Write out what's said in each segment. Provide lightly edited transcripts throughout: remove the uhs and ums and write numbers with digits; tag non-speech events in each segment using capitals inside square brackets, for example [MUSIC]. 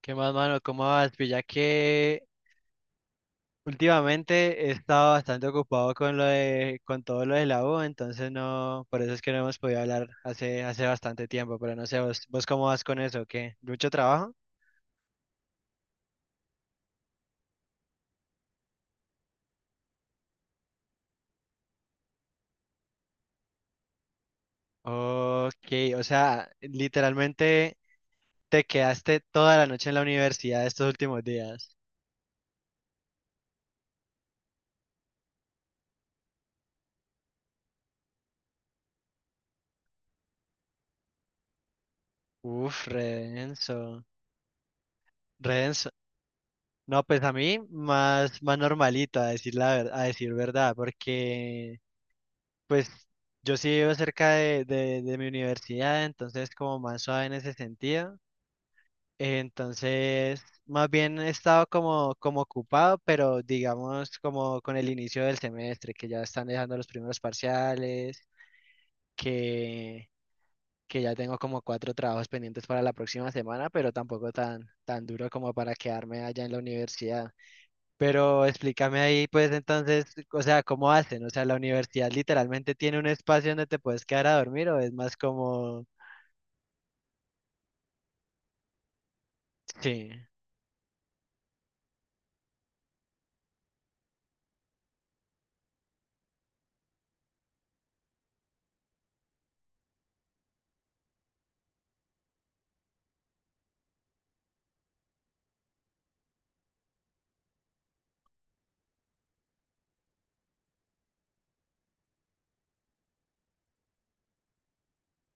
¿Qué más, mano? ¿Cómo vas? Pues ya que últimamente he estado bastante ocupado con todo lo de la U, entonces no, por eso es que no hemos podido hablar hace bastante tiempo, pero no sé, vos cómo vas con eso, ¿qué? ¿Mucho trabajo? Ok, o sea, literalmente te quedaste toda la noche en la universidad estos últimos días. Uf, redenso. No, pues a mí más normalito, a decir verdad, porque Pues yo sí vivo cerca de mi universidad, entonces como más suave en ese sentido. Entonces, más bien he estado como ocupado, pero digamos como con el inicio del semestre, que ya están dejando los primeros parciales, que, que ya tengo como cuatro trabajos pendientes para la próxima semana, pero tampoco tan duro como para quedarme allá en la universidad. Pero explícame ahí, pues entonces, o sea, ¿cómo hacen? O sea, ¿la universidad literalmente tiene un espacio donde te puedes quedar a dormir o es más como... Sí.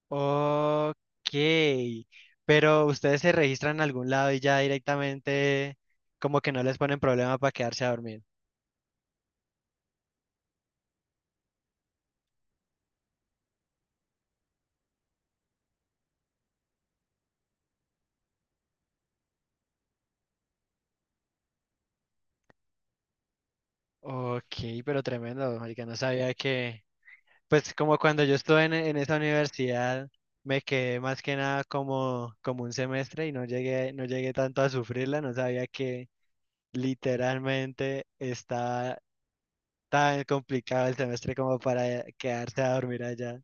Ok. Pero ustedes se registran en algún lado y ya directamente como que no les ponen problema para quedarse a dormir. Ok, pero tremendo, marica, no sabía que... Pues como cuando yo estuve en esa universidad, me quedé más que nada como un semestre y no llegué tanto a sufrirla, no sabía que literalmente está tan complicado el semestre como para quedarse a dormir allá.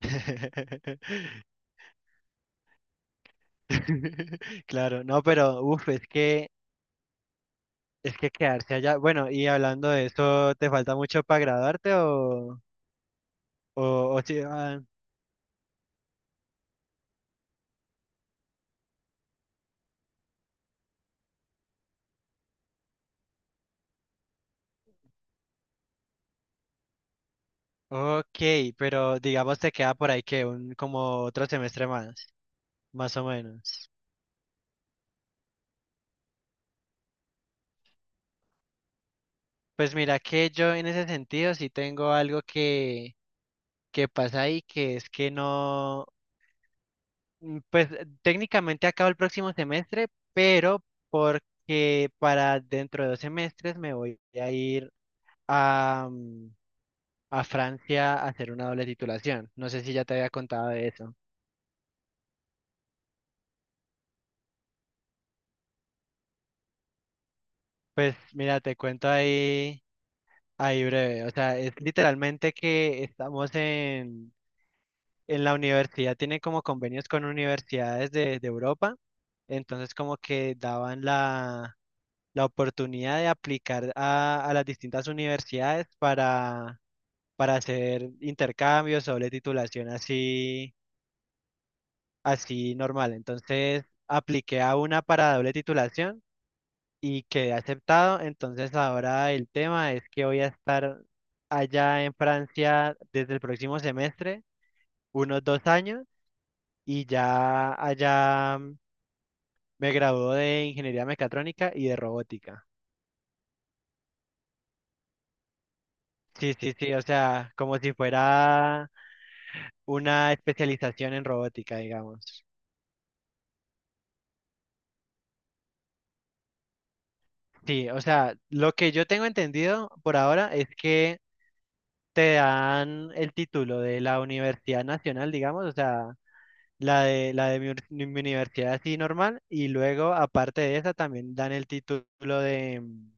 [LAUGHS] [LAUGHS] Claro, no, pero uf, es que quedarse allá. Bueno, y hablando de eso, ¿te falta mucho para graduarte o, o? Ok, pero digamos te queda por ahí que un como otro semestre más, más o menos. Pues mira que yo en ese sentido sí tengo algo que pasa ahí, que es que no. Pues técnicamente acabo el próximo semestre, pero porque para dentro de dos semestres me voy a ir a, a Francia a hacer una doble titulación. No sé si ya te había contado de eso. Pues mira, te cuento ahí breve. O sea, es literalmente que estamos en la universidad, tiene como convenios con universidades de Europa. Entonces como que daban la oportunidad de aplicar a las distintas universidades para hacer intercambios o doble titulación así normal. Entonces, apliqué a una para doble titulación y quedé aceptado. Entonces, ahora el tema es que voy a estar allá en Francia desde el próximo semestre, unos dos años, y ya allá me graduó de ingeniería mecatrónica y de robótica. Sí, sí, sí, o sea, como si fuera una especialización en robótica, digamos. Sí, o sea, lo que yo tengo entendido por ahora es que te dan el título de la Universidad Nacional, digamos, o sea, la de mi universidad así normal, y luego, aparte de esa, también dan el título de,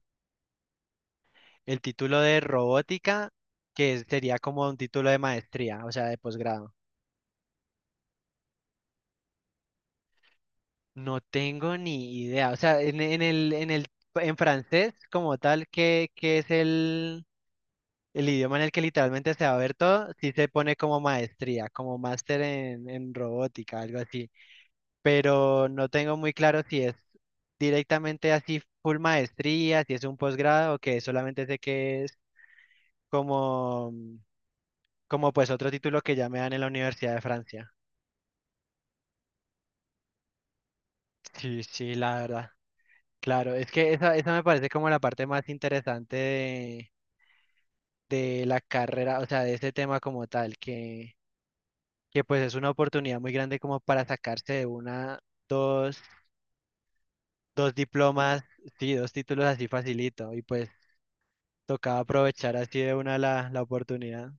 el título de robótica, que sería como un título de maestría, o sea, de posgrado. No tengo ni idea, o sea, en el, en francés como tal, ¿qué es el... El idioma en el que literalmente se va a ver todo, sí se pone como maestría, como máster en robótica, algo así. Pero no tengo muy claro si es directamente así full maestría, si es un posgrado o que solamente sé que es como, como pues otro título que ya me dan en la Universidad de Francia. Sí, sí, la verdad. Claro, es que esa me parece como la parte más interesante de la carrera, o sea, de ese tema como tal, que pues es una oportunidad muy grande como para sacarse de una, dos, dos diplomas, sí, dos títulos así facilito y pues tocaba aprovechar así de una la oportunidad.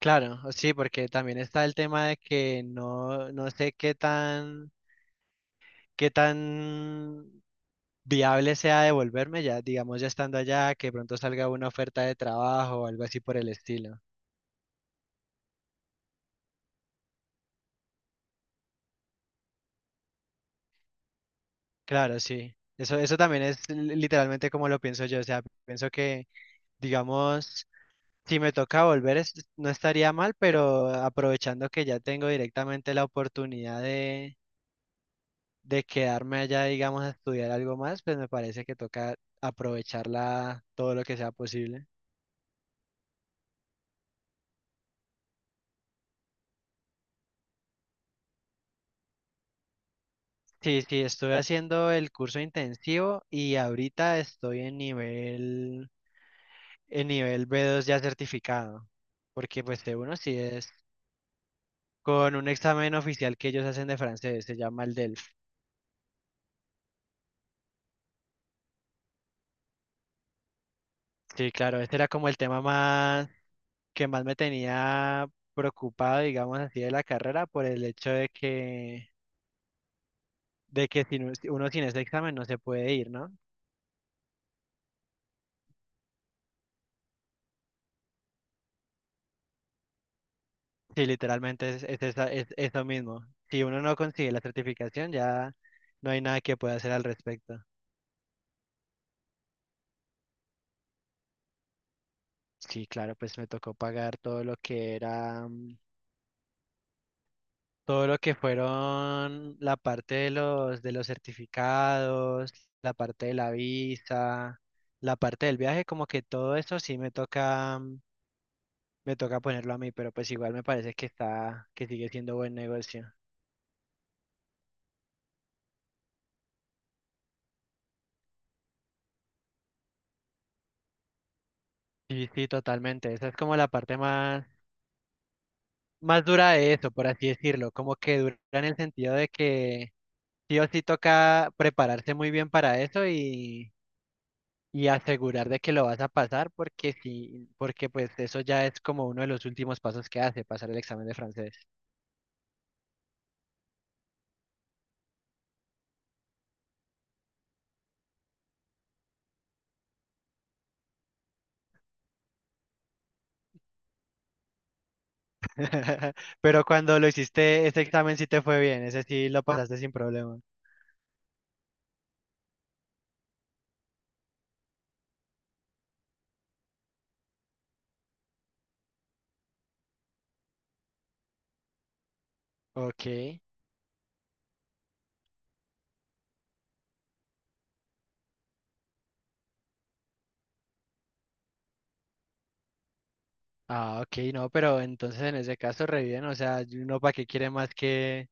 Claro, sí, porque también está el tema de que no, no sé qué tan viable sea devolverme ya, digamos ya estando allá, que pronto salga una oferta de trabajo o algo así por el estilo. Claro, sí. Eso también es li- literalmente como lo pienso yo. O sea, pienso que, digamos, si me toca volver, es- no estaría mal, pero aprovechando que ya tengo directamente la oportunidad de quedarme allá, digamos, a estudiar algo más, pues me parece que toca aprovecharla todo lo que sea posible. Sí, sí, estoy haciendo el curso intensivo y ahorita estoy en nivel B2 ya certificado, porque pues de uno sí es con un examen oficial que ellos hacen de francés, se llama el DELF. Sí, claro, este era como el tema más que más me tenía preocupado, digamos así, de la carrera por el hecho de que sin un- uno sin ese examen no se puede ir, ¿no? Sí, literalmente esa- es eso mismo. Si uno no consigue la certificación, ya no hay nada que pueda hacer al respecto. Sí, claro, pues me tocó pagar todo lo que era, todo lo que fueron la parte de los certificados, la parte de la visa, la parte del viaje, como que todo eso sí me toca me toca ponerlo a mí, pero pues igual me parece que está, que sigue siendo buen negocio. Sí, sí, totalmente. Esa es como la parte más, más dura de eso, por así decirlo. Como que dura en el sentido de que sí o sí toca prepararse muy bien para eso y asegurar de que lo vas a pasar, porque sí, porque pues eso ya es como uno de los últimos pasos que hace, pasar el examen de francés. [LAUGHS] Pero cuando lo hiciste, ese examen sí te fue bien, ese sí lo pasaste sin problema. Ok. Ah, ok, no, pero entonces en ese caso re bien, o sea, y uno para qué quiere más que,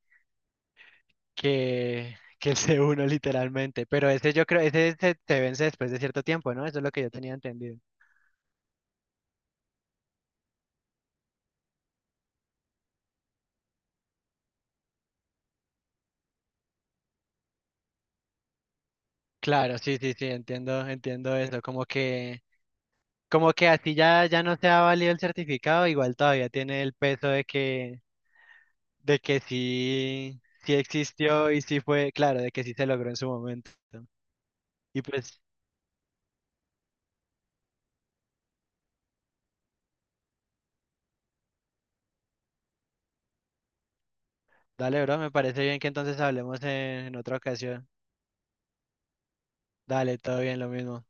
que, que ese uno [LAUGHS] literalmente, pero ese yo creo, se vence después de cierto tiempo, ¿no? Eso es lo que yo tenía entendido. Claro, sí, sí, sí, entiendo eso, como que así ya, ya no se ha valido el certificado, igual todavía tiene el peso de que sí, sí existió y sí fue, claro, de que sí se logró en su momento. Y pues, dale, bro, me parece bien que entonces hablemos en otra ocasión. Dale, todo bien, lo mismo.